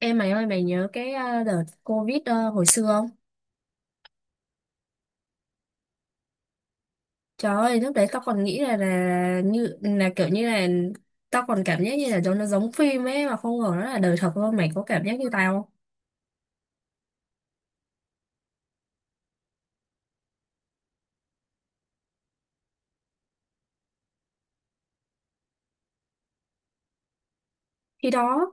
Em mày ơi, mày nhớ cái đợt Covid hồi xưa không? Trời ơi, lúc đấy tao còn nghĩ là như là kiểu như là tao còn cảm giác như là cho nó giống phim ấy, mà không ngờ nó là đời thật luôn. Mày có cảm giác như tao không? Khi đó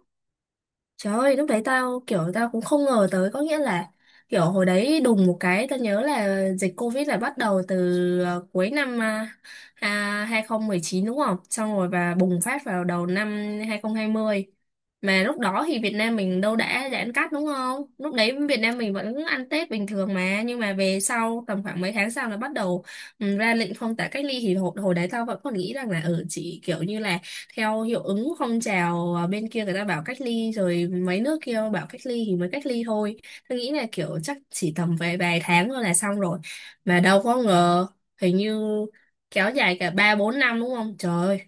trời ơi, lúc đấy tao kiểu tao cũng không ngờ tới, có nghĩa là kiểu hồi đấy đùng một cái, tao nhớ là dịch Covid là bắt đầu từ cuối năm 2019 đúng không? Xong rồi và bùng phát vào đầu năm 2020. Mà lúc đó thì Việt Nam mình đâu đã giãn cách đúng không? Lúc đấy Việt Nam mình vẫn ăn Tết bình thường mà, nhưng mà về sau tầm khoảng mấy tháng sau là bắt đầu ra lệnh phong tỏa cách ly. Thì hồi đấy tao vẫn còn nghĩ rằng là ở chỉ kiểu như là theo hiệu ứng phong trào à, bên kia người ta bảo cách ly, rồi mấy nước kia bảo cách ly thì mới cách ly thôi. Tôi nghĩ là kiểu chắc chỉ tầm vài vài tháng thôi là xong rồi, mà đâu có ngờ hình như kéo dài cả ba bốn năm, đúng không? Trời ơi,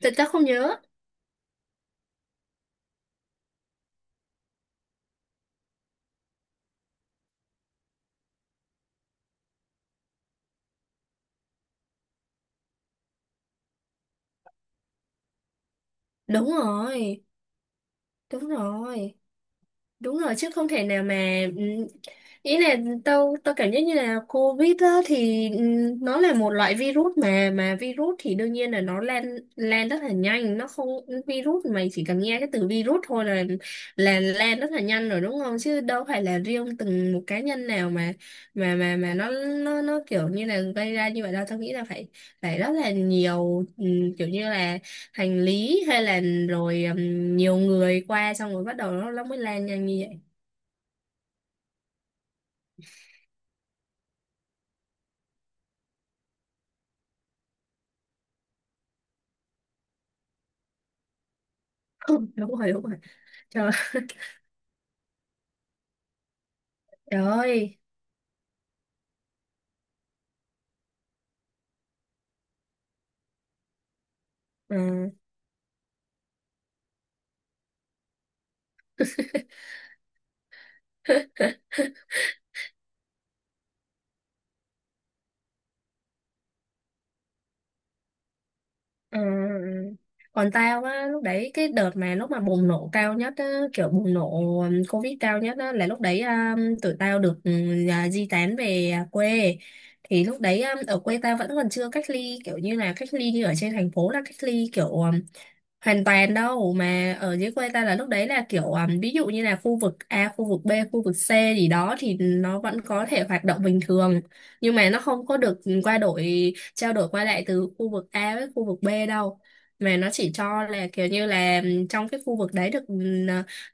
tôi chắc không nhớ. Đúng rồi, đúng rồi. Đúng rồi, chứ không thể nào mà ý là tao tao cảm giác như là COVID á thì nó là một loại virus, mà virus thì đương nhiên là nó lan lan rất là nhanh. Nó không, virus, mày chỉ cần nghe cái từ virus thôi là lan rất là nhanh rồi, đúng không? Chứ đâu phải là riêng từng một cá nhân nào mà mà nó nó kiểu như là gây ra như vậy đâu. Tao nghĩ là phải phải rất là nhiều kiểu như là hành lý hay là rồi nhiều người qua, xong rồi bắt đầu nó mới lan nhanh như vậy. Đúng rồi, đúng rồi. Trời ơi, trời ơi. Ừ. Ừ. Còn tao á, lúc đấy cái đợt mà lúc mà bùng nổ cao nhất á, kiểu bùng nổ Covid cao nhất á, là lúc đấy tụi tao được di tán về quê. Thì lúc đấy ở quê tao vẫn còn chưa cách ly, kiểu như là cách ly như ở trên thành phố là cách ly kiểu hoàn toàn đâu. Mà ở dưới quê ta là lúc đấy là kiểu ví dụ như là khu vực A, khu vực B, khu vực C gì đó, thì nó vẫn có thể hoạt động bình thường. Nhưng mà nó không có được qua đổi, trao đổi qua lại từ khu vực A với khu vực B đâu, mà nó chỉ cho là kiểu như là trong cái khu vực đấy được,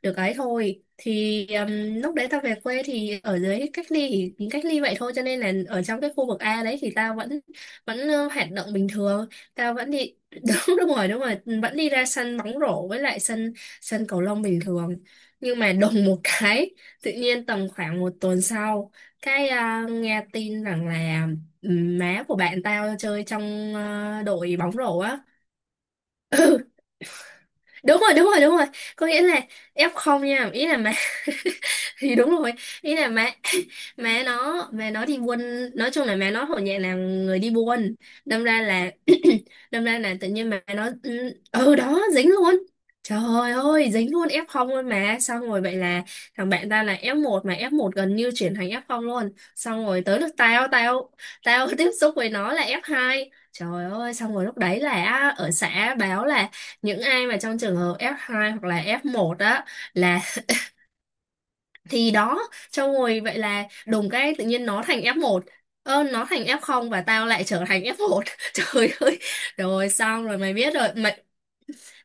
được ấy thôi. Thì lúc đấy ta về quê, thì ở dưới cách ly thì cách ly vậy thôi, cho nên là ở trong cái khu vực A đấy thì ta vẫn vẫn hoạt động bình thường. Ta vẫn đi đúng đúng rồi, đúng rồi. Ừ, vẫn đi ra sân bóng rổ với lại sân sân cầu lông bình thường. Nhưng mà đùng một cái, tự nhiên tầm khoảng một tuần sau cái nghe tin rằng là má của bạn tao chơi trong đội bóng rổ á. Đúng rồi, đúng rồi, đúng rồi. Có nghĩa là F0 nha, ý là má, thì đúng rồi, ý là mẹ. Mẹ nó đi buôn, nói chung là mẹ nó hồi nhẹ là người đi buôn. Đâm ra là đâm ra là tự nhiên mẹ nó đó dính luôn. Trời ơi, dính luôn F0 luôn mà. Xong rồi vậy là thằng bạn ta là F1, mà F1 gần như chuyển thành F0 luôn. Xong rồi tới lúc tao tao tao tiếp xúc với nó là F2. Trời ơi, xong rồi lúc đấy là ở xã báo là những ai mà trong trường hợp F2 hoặc là F1 á, là thì đó. Xong rồi vậy là đùng cái, tự nhiên nó thành F1, ơ, nó thành F0, và tao lại trở thành F1. Trời ơi, rồi xong rồi mày biết rồi mày.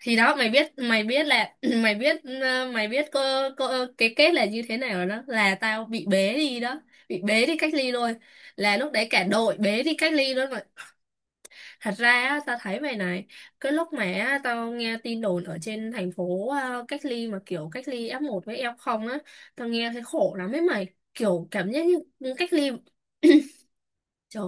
Thì đó, mày biết, mày biết là mày biết ờ, mày biết có cái kết là như thế nào rồi, đó là tao bị bế đi đó, bị bế đi cách ly luôn, là lúc đấy cả đội bế đi cách ly luôn. Thật ra á, tao thấy vậy này, cái lúc mà á, tao nghe tin đồn ở trên thành phố à, cách ly mà kiểu cách ly F1 với F0 á, tao nghe thấy khổ lắm ấy mày, kiểu cảm giác như cách ly. Trời,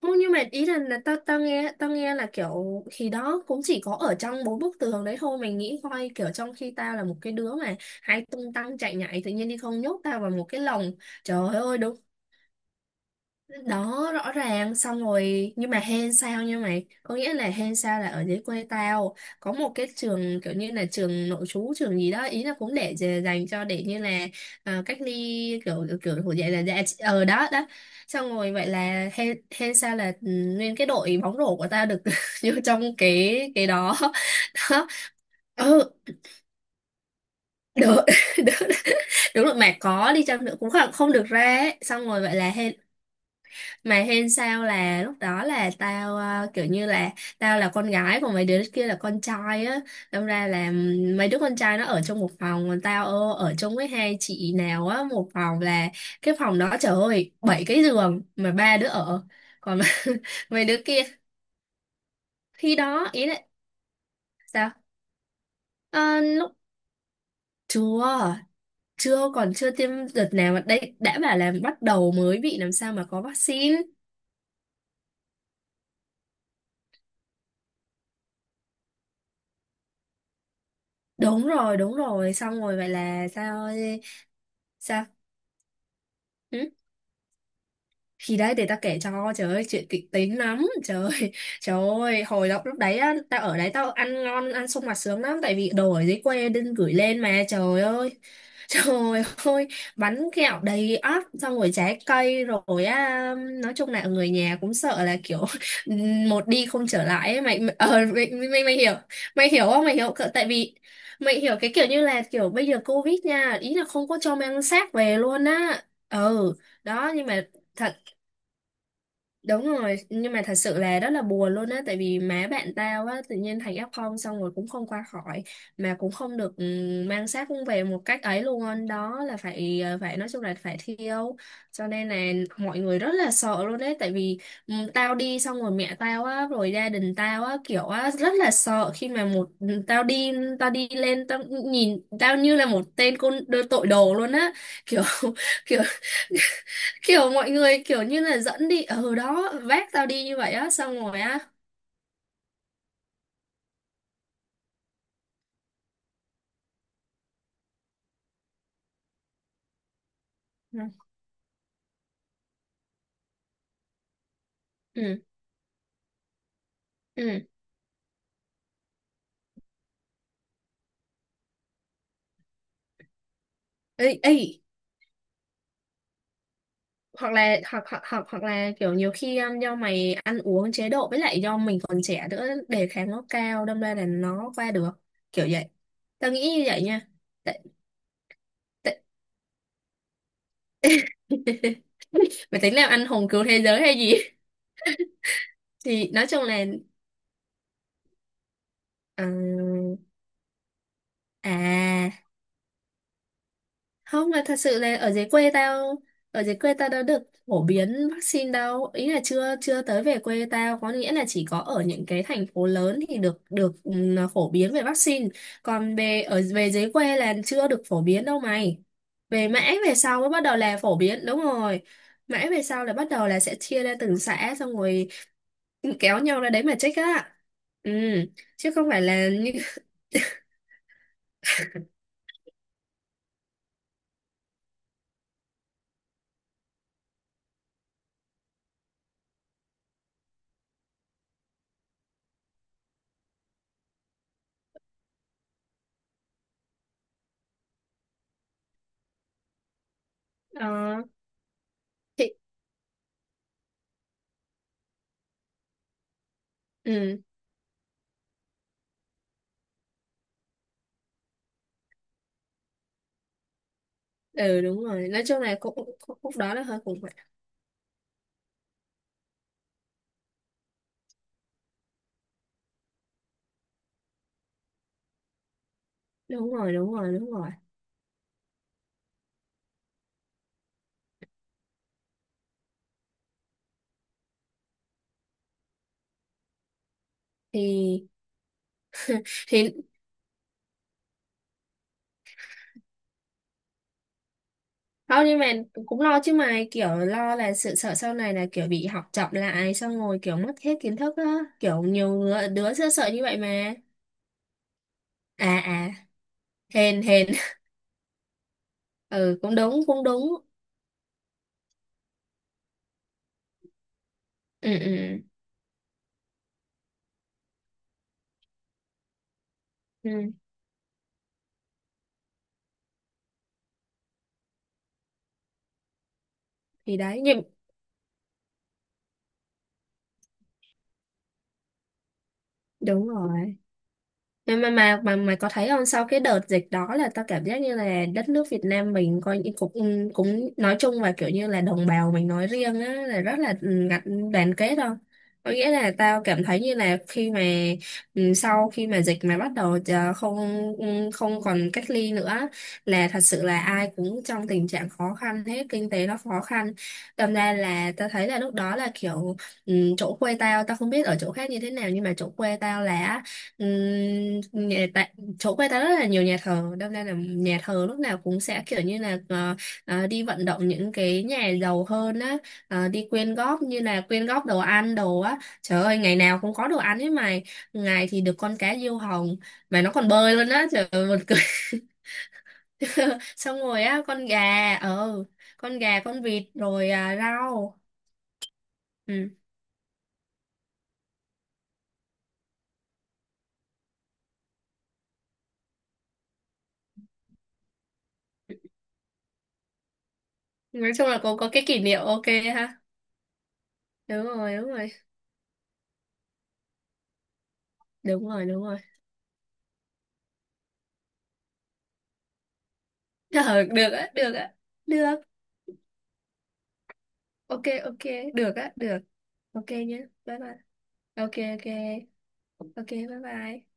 không, nhưng mà ý là tao tao nghe, tao nghe là kiểu khi đó cũng chỉ có ở trong bốn bức tường đấy thôi. Mày nghĩ coi, kiểu trong khi tao là một cái đứa mà hay tung tăng chạy nhảy, tự nhiên đi không, nhốt tao vào một cái lồng. Trời ơi đúng đó, rõ ràng. Xong rồi nhưng mà hên sao nha mày, có nghĩa là hên sao là ở dưới quê tao có một cái trường kiểu như là trường nội trú, trường gì đó, ý là cũng để dè- dành cho để như là cách ly kiểu kiểu của. Vậy là dạ ờ, đó đó. Xong rồi vậy là hên hên sao là nguyên cái đội bóng rổ của tao được vô trong cái đó. Đó, ừ, được. đúng, đúng rồi, mà có đi chăng nữa cũng không được ra ấy. Xong rồi vậy là hên, mà hên sao là lúc đó là tao ờ, kiểu như là tao là con gái, còn mấy đứa kia là con trai á. Đâm ra là mấy đứa con trai nó ở trong một phòng, còn tao ờ, ở chung với hai chị nào á, một phòng. Là cái phòng đó trời ơi, bảy cái giường mà ba đứa ở, còn mấy đứa kia. Khi đó ý là sao? Ờ, lúc chưa chưa còn chưa tiêm đợt nào, mà đây đã bảo là bắt đầu mới bị, làm sao mà có vaccine. Đúng rồi, đúng rồi. Xong rồi vậy là sao, sao? Ừ? Thì đấy, để tao kể cho. Trời ơi, chuyện kịch tính lắm. Trời ơi, trời ơi, hồi lúc lúc đấy á tao ở đấy, tao ăn ngon, ăn sung mặt sướng lắm, tại vì đồ ở dưới quê đinh gửi lên mà. Trời ơi trời ơi, bánh kẹo đầy ắp, xong rồi trái cây rồi á. Nói chung là người nhà cũng sợ là kiểu một đi không trở lại ấy. Mày mày, ờ, mày, mày mày hiểu, mày hiểu không? Mày hiểu tại vì mày hiểu cái kiểu như là kiểu bây giờ Covid nha, ý là không có cho mang xác về luôn á. Ừ đó, nhưng mà thật. Đúng rồi, nhưng mà thật sự là rất là buồn luôn á, tại vì má bạn tao á, tự nhiên thành F0 xong rồi cũng không qua khỏi, mà cũng không được mang xác cũng về một cách ấy luôn, đó là phải ờ, phải nói chung là phải thiêu, cho nên là mọi người rất là sợ luôn đấy, tại vì tao đi, xong rồi mẹ tao á, rồi gia đình tao á, kiểu á, rất là sợ khi mà một ừ, tao đi lên, tao nhìn tao như là một tên côn đồ- tội đồ luôn á, kiểu kiểu, kiểu mọi người kiểu như là dẫn đi ở đó, vác tao đi như vậy á, xong rồi á. Ừ. Ừ. Ừ. Ê, ê. Hoặc là, hoặc hoặc hoặc hoặc là kiểu nhiều khi do mày ăn uống chế độ, với lại do mình còn trẻ nữa, đề kháng nó cao, đâm ra là nó qua được kiểu vậy. Tao nghĩ như vậy nha. Tại, tại... Mày tính làm anh hùng cứu thế giới hay gì? Thì nói chung là ờ, à không, là thật sự là ở dưới quê tao, ở dưới quê tao đã được phổ biến vaccine đâu, ý là chưa chưa tới về quê tao. Có nghĩa là chỉ có ở những cái thành phố lớn thì được được ừ, phổ biến về vaccine, còn về ở về dưới quê là chưa được phổ biến đâu mày. Về mãi về sau mới bắt đầu là phổ biến, đúng rồi. Mãi về sau là bắt đầu là sẽ chia ra từng xã, xong rồi kéo nhau ra đấy mà check á. Ừ, chứ không phải là như ờ, thì ừ ừ đúng rồi. Nói chung là cũng lúc đó là hơi khủng. Đúng rồi, đúng rồi, đúng rồi. Thì thì không, nhưng mà cũng lo chứ, mà kiểu lo là sự sợ sau này là kiểu bị học chậm lại, xong rồi kiểu mất hết kiến thức á, kiểu nhiều ngứa- đứa sẽ sợ như vậy mà. À à, hèn hèn. Ừ, cũng đúng, cũng đúng. Ừ. Ừ. Ừ. Ừ, thì đấy nhưng đúng rồi, mà mà mày có thấy không, sau cái đợt dịch đó là tao cảm giác như là đất nước Việt Nam mình coi như cũng cũng nói chung, và kiểu như là đồng bào mình nói riêng á, là rất là ừ, gắn đoàn kết không? Có nghĩa là tao cảm thấy như là khi mà ừ, sau khi mà dịch mà bắt đầu ờ, không ừ, không còn cách ly nữa, là thật sự là ai cũng trong tình trạng khó khăn hết, kinh tế nó khó khăn. Đâm ra là tao thấy là lúc đó là kiểu ừ, chỗ quê tao, tao không biết ở chỗ khác như thế nào, nhưng mà chỗ quê tao là á, ừm, nhà- tại chỗ quê ta rất là nhiều nhà thờ, đâm ra là nhà thờ lúc nào cũng sẽ kiểu như là đi vận động những cái nhà giàu hơn á, ờ, đi quyên góp, như là quyên góp đồ ăn đồ á. Trời ơi, ngày nào cũng có đồ ăn ấy mày. Ngày thì được con cá diêu hồng mà nó còn bơi luôn á, trời ơi buồn cười. Xong rồi á con gà ờ, con gà con vịt rồi à, rau. Ừ. Nói chung là cũng có cái kỷ niệm, ok ha. Đúng rồi, đúng rồi, đúng rồi, đúng rồi. Ờ, được á, được á, được. Ok, ok, được á, được. Ok nhé. Bye bye. Ok, ok. Ok, bye bye.